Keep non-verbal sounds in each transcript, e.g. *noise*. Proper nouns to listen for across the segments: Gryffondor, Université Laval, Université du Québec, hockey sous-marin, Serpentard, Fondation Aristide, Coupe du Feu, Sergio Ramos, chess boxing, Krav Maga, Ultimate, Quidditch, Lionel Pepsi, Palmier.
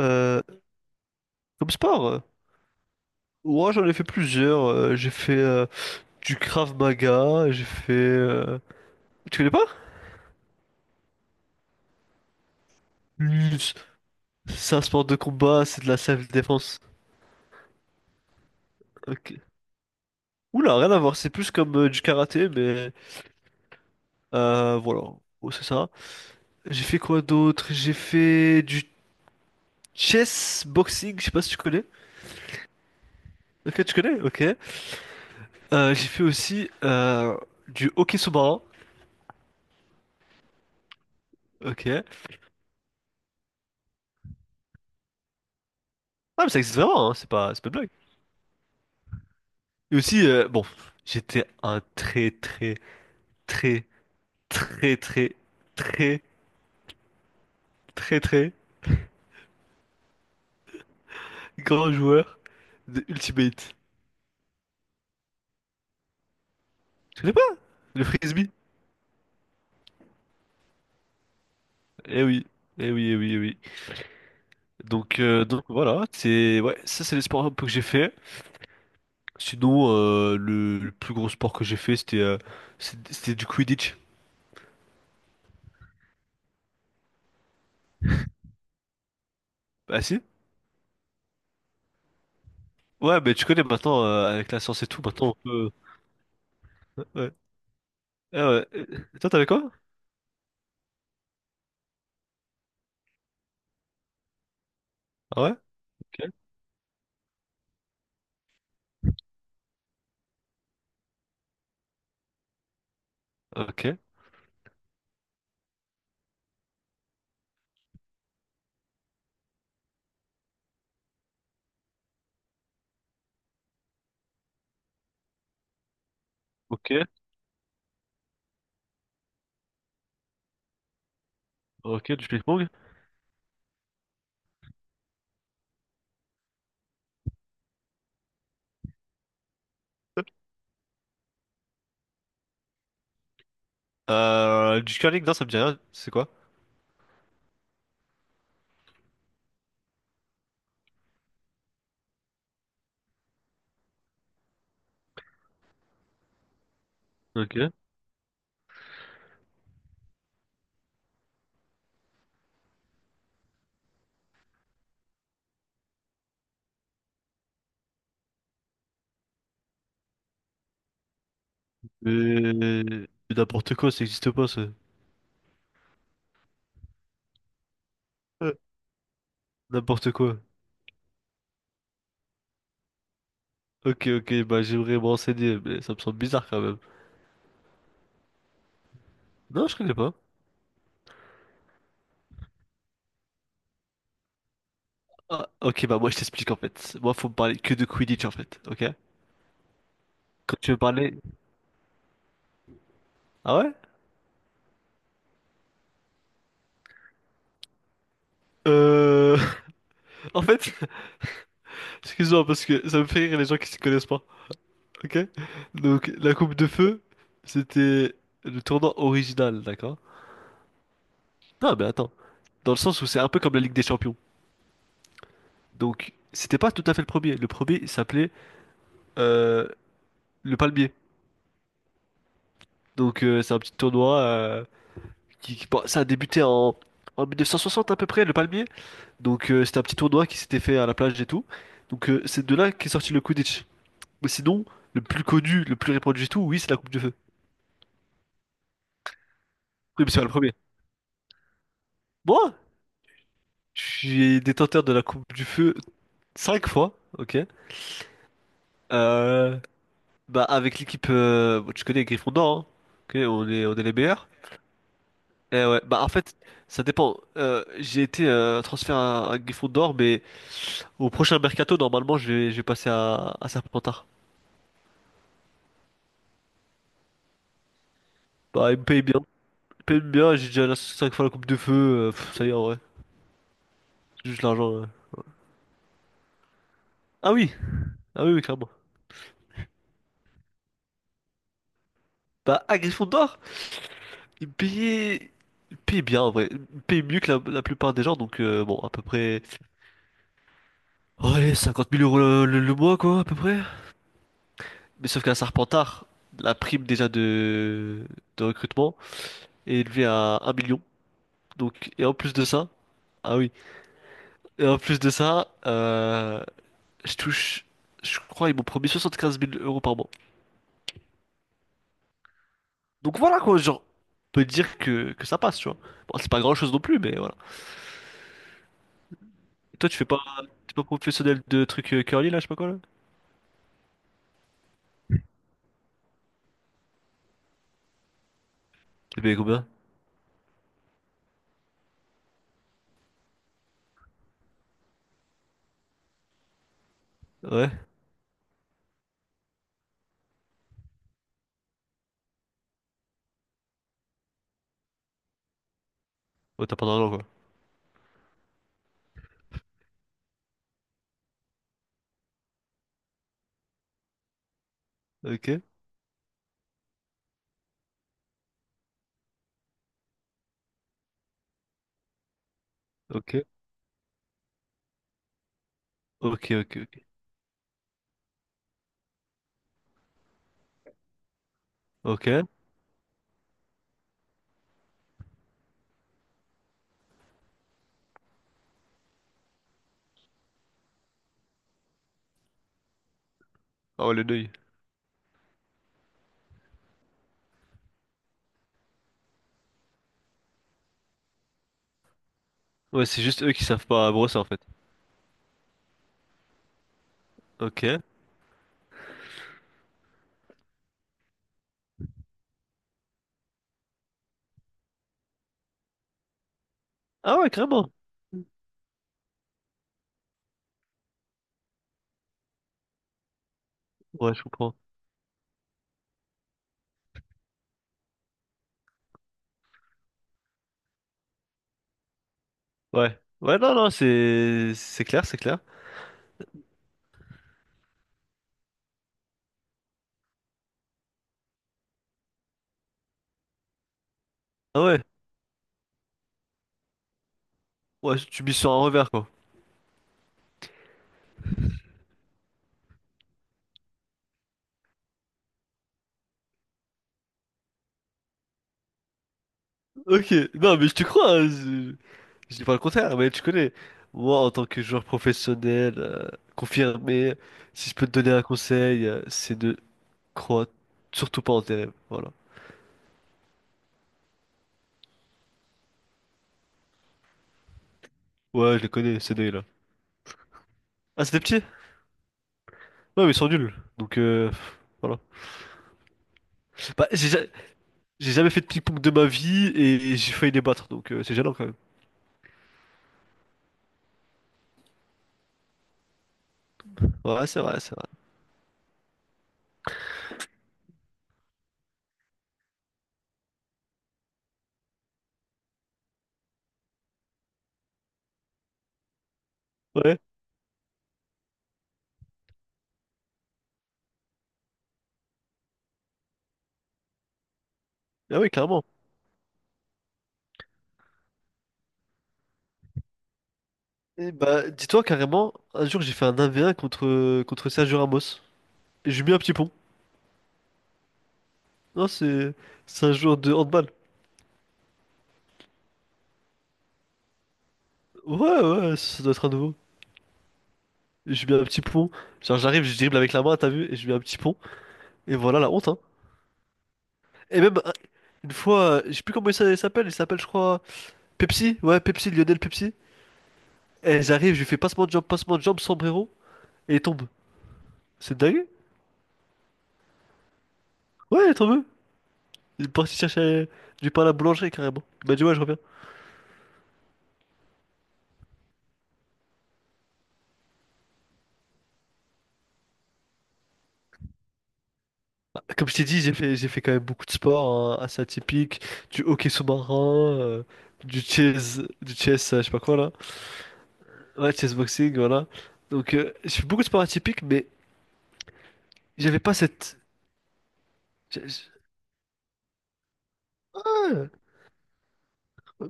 Euh, comme sport, ouais, j'en ai fait plusieurs. J'ai fait du Krav Maga, j'ai fait. Tu connais pas? L- C'est un sport de combat, c'est de la self-défense. Ok. Oula, rien à voir, c'est plus comme du karaté, mais voilà. Oh, c'est ça. J'ai fait quoi d'autre? J'ai fait du chess boxing, je sais pas si tu connais. Ok, tu connais? Ok. J'ai fait aussi du hockey sous-marin. Ok. Ah, mais ça existe vraiment, hein. C'est pas une blague. Et aussi, bon, j'étais un très très très très très très très très grand joueur de Ultimate. Tu connais pas? Le frisbee? Eh oui, eh oui, eh oui, eh oui. Donc voilà, c'est ouais, ça c'est les sports un peu que j'ai fait. Sinon, le plus gros sport que j'ai fait, c'était c'était du Quidditch. Ah si? Ouais, mais tu connais maintenant, avec la science et tout, maintenant on peut... Ouais. Ah ouais. Toi, t'avais quoi? Ah ouais? Ok, ok, ok, ok, du ping-pong. Du curling, non, ça me dit rien. C'est quoi? Ok. Mais... mais n'importe quoi, ça existe pas, ça. Euh, N'importe quoi. Ok, ok, bah j'aimerais me renseigner, mais ça me semble bizarre quand même. Non, je connais pas. Ah, ok, bah moi je t'explique en fait. Moi, faut me parler que de Quidditch en fait, ok? Quand tu veux parler... Ah ouais? Euh... *laughs* En fait, *laughs* excuse-moi parce que ça me fait rire les gens qui s'y connaissent pas, ok? Donc, la coupe de feu, c'était le tournoi original, d'accord? Non, mais attends. Dans le sens où c'est un peu comme la Ligue des Champions. Donc, c'était pas tout à fait le premier. Le premier, s'appelait euh, le Palmier. Donc, c'est un petit tournoi bon, ça a débuté en 1960 à peu près, le Palmier. Donc, c'était un petit tournoi qui s'était fait à la plage et tout. Donc, c'est de là qu'est sorti le Quidditch. Mais sinon, le plus connu, le plus répandu et tout, oui, c'est la Coupe du Feu. Oui, mais c'est pas le premier. Moi, je suis détenteur de la Coupe du Feu cinq fois, ok. Euh, bah, avec l'équipe, bon, tu connais Gryffondor, hein. Ok, on est les meilleurs. Eh ouais, bah en fait, ça dépend. J'ai été transféré à Gryffondor, mais au prochain mercato, normalement, je vais passer à Serpentard. Bah, ils me payent bien. Ils me payent bien, j'ai déjà la 5 fois la coupe de feu. Pff, ça y est, en vrai. C'est juste l'argent. Ouais. Ah oui, ah oui, oui, clairement. Bah, à Gryffondor, ils me payaient, ils me payaient bien, en vrai. Ils me payaient mieux que la plupart des gens, donc bon, à peu près. Oh, allez, 50 000 euros le mois, quoi, à peu près. Mais sauf qu'à Serpentard, la prime déjà de recrutement est élevée à un million. Donc, et en plus de ça, ah oui, et en plus de ça, je touche, je crois, ils m'ont promis 75 000 euros par mois. Donc voilà quoi, genre, on peut dire que ça passe, tu vois. Bon, c'est pas grand chose non plus, mais voilà. Et toi, tu fais pas, t'es pas professionnel de trucs curly là, je sais pas quoi là? Tu payes combien? Ouais? Oh, t'as pas d'argent quoi. Ok, ok, ok, ok, ok. Ok. Ah ouais, le deuil. Ouais, c'est juste eux qui savent pas brosser en fait. Ok. Ah ouais, carrément. Ouais, je comprends. Ouais. Ouais, non, non, c'est clair, c'est clair. Ah ouais. Ouais, tu mises sur un revers, quoi. Ok, non, mais je te crois, hein. Je dis pas le contraire, mais tu connais. Moi, en tant que joueur professionnel, confirmé, si je peux te donner un conseil, c'est de croire surtout pas en tes rêves, voilà. Ouais, je les connais, ces deux-là. Ah, c'était petit? Ouais, mais ils sont nuls, donc pff, voilà. Bah, j'ai jamais fait de ping-pong de ma vie, et j'ai failli les battre, donc c'est gênant, quand même. Ouais, c'est vrai, c'est vrai. Ouais, ah oui, clairement. Et bah, dis-toi, carrément, un jour, j'ai fait un 1v1 contre Sergio Ramos. J'ai mis un petit pont. Non, c'est un joueur de handball. Ouais, ouais, ça doit être un nouveau. J'ai mis un petit pont. Genre, j'arrive, je dribble avec la main, t'as vu? Et je mets un petit pont. Et voilà la honte, hein. Et même, une fois, je sais plus comment il s'appelle. Il s'appelle, je crois, Pepsi. Ouais, Pepsi, Lionel Pepsi. Et j'arrive, je lui fais passement de jambe, sombrero. Et il tombe. C'est dingue? Ouais, il est tombé. Il est parti chercher du pain à la boulangerie, carrément. Il m'a dit, ouais, je reviens. Bah, comme je t'ai dit, j'ai fait quand même beaucoup de sports hein, assez atypiques, du hockey sous-marin, du chess, je sais pas quoi là. Ouais, chess boxing, voilà. Donc, j'ai fait beaucoup de sports atypiques, mais j'avais pas cette. j'a- j'a- ah,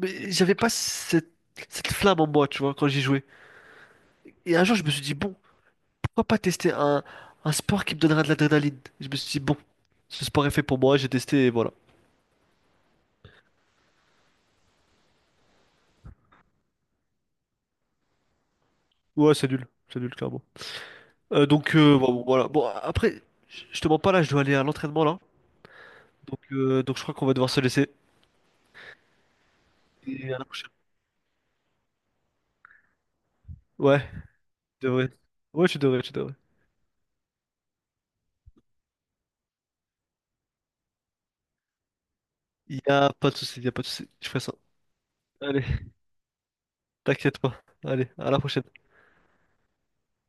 mais j'avais pas cette, cette flamme en moi, tu vois, quand j'y jouais. Et un jour, je me suis dit, bon, pourquoi pas tester un sport qui me donnera de l'adrénaline? Je me suis dit, bon, ce sport est fait pour moi, j'ai testé et voilà. Ouais, c'est nul, clairement. Donc, bon, bon, voilà. Bon, après, je te mens pas là, je dois aller à l'entraînement là. Donc je crois qu'on va devoir se laisser. Et à la prochaine. Ouais, tu devrais. Ouais, tu devrais, tu devrais. Il y a pas de souci, il y a pas de souci. Je ferai ça. Allez, t'inquiète pas. Allez, à la prochaine.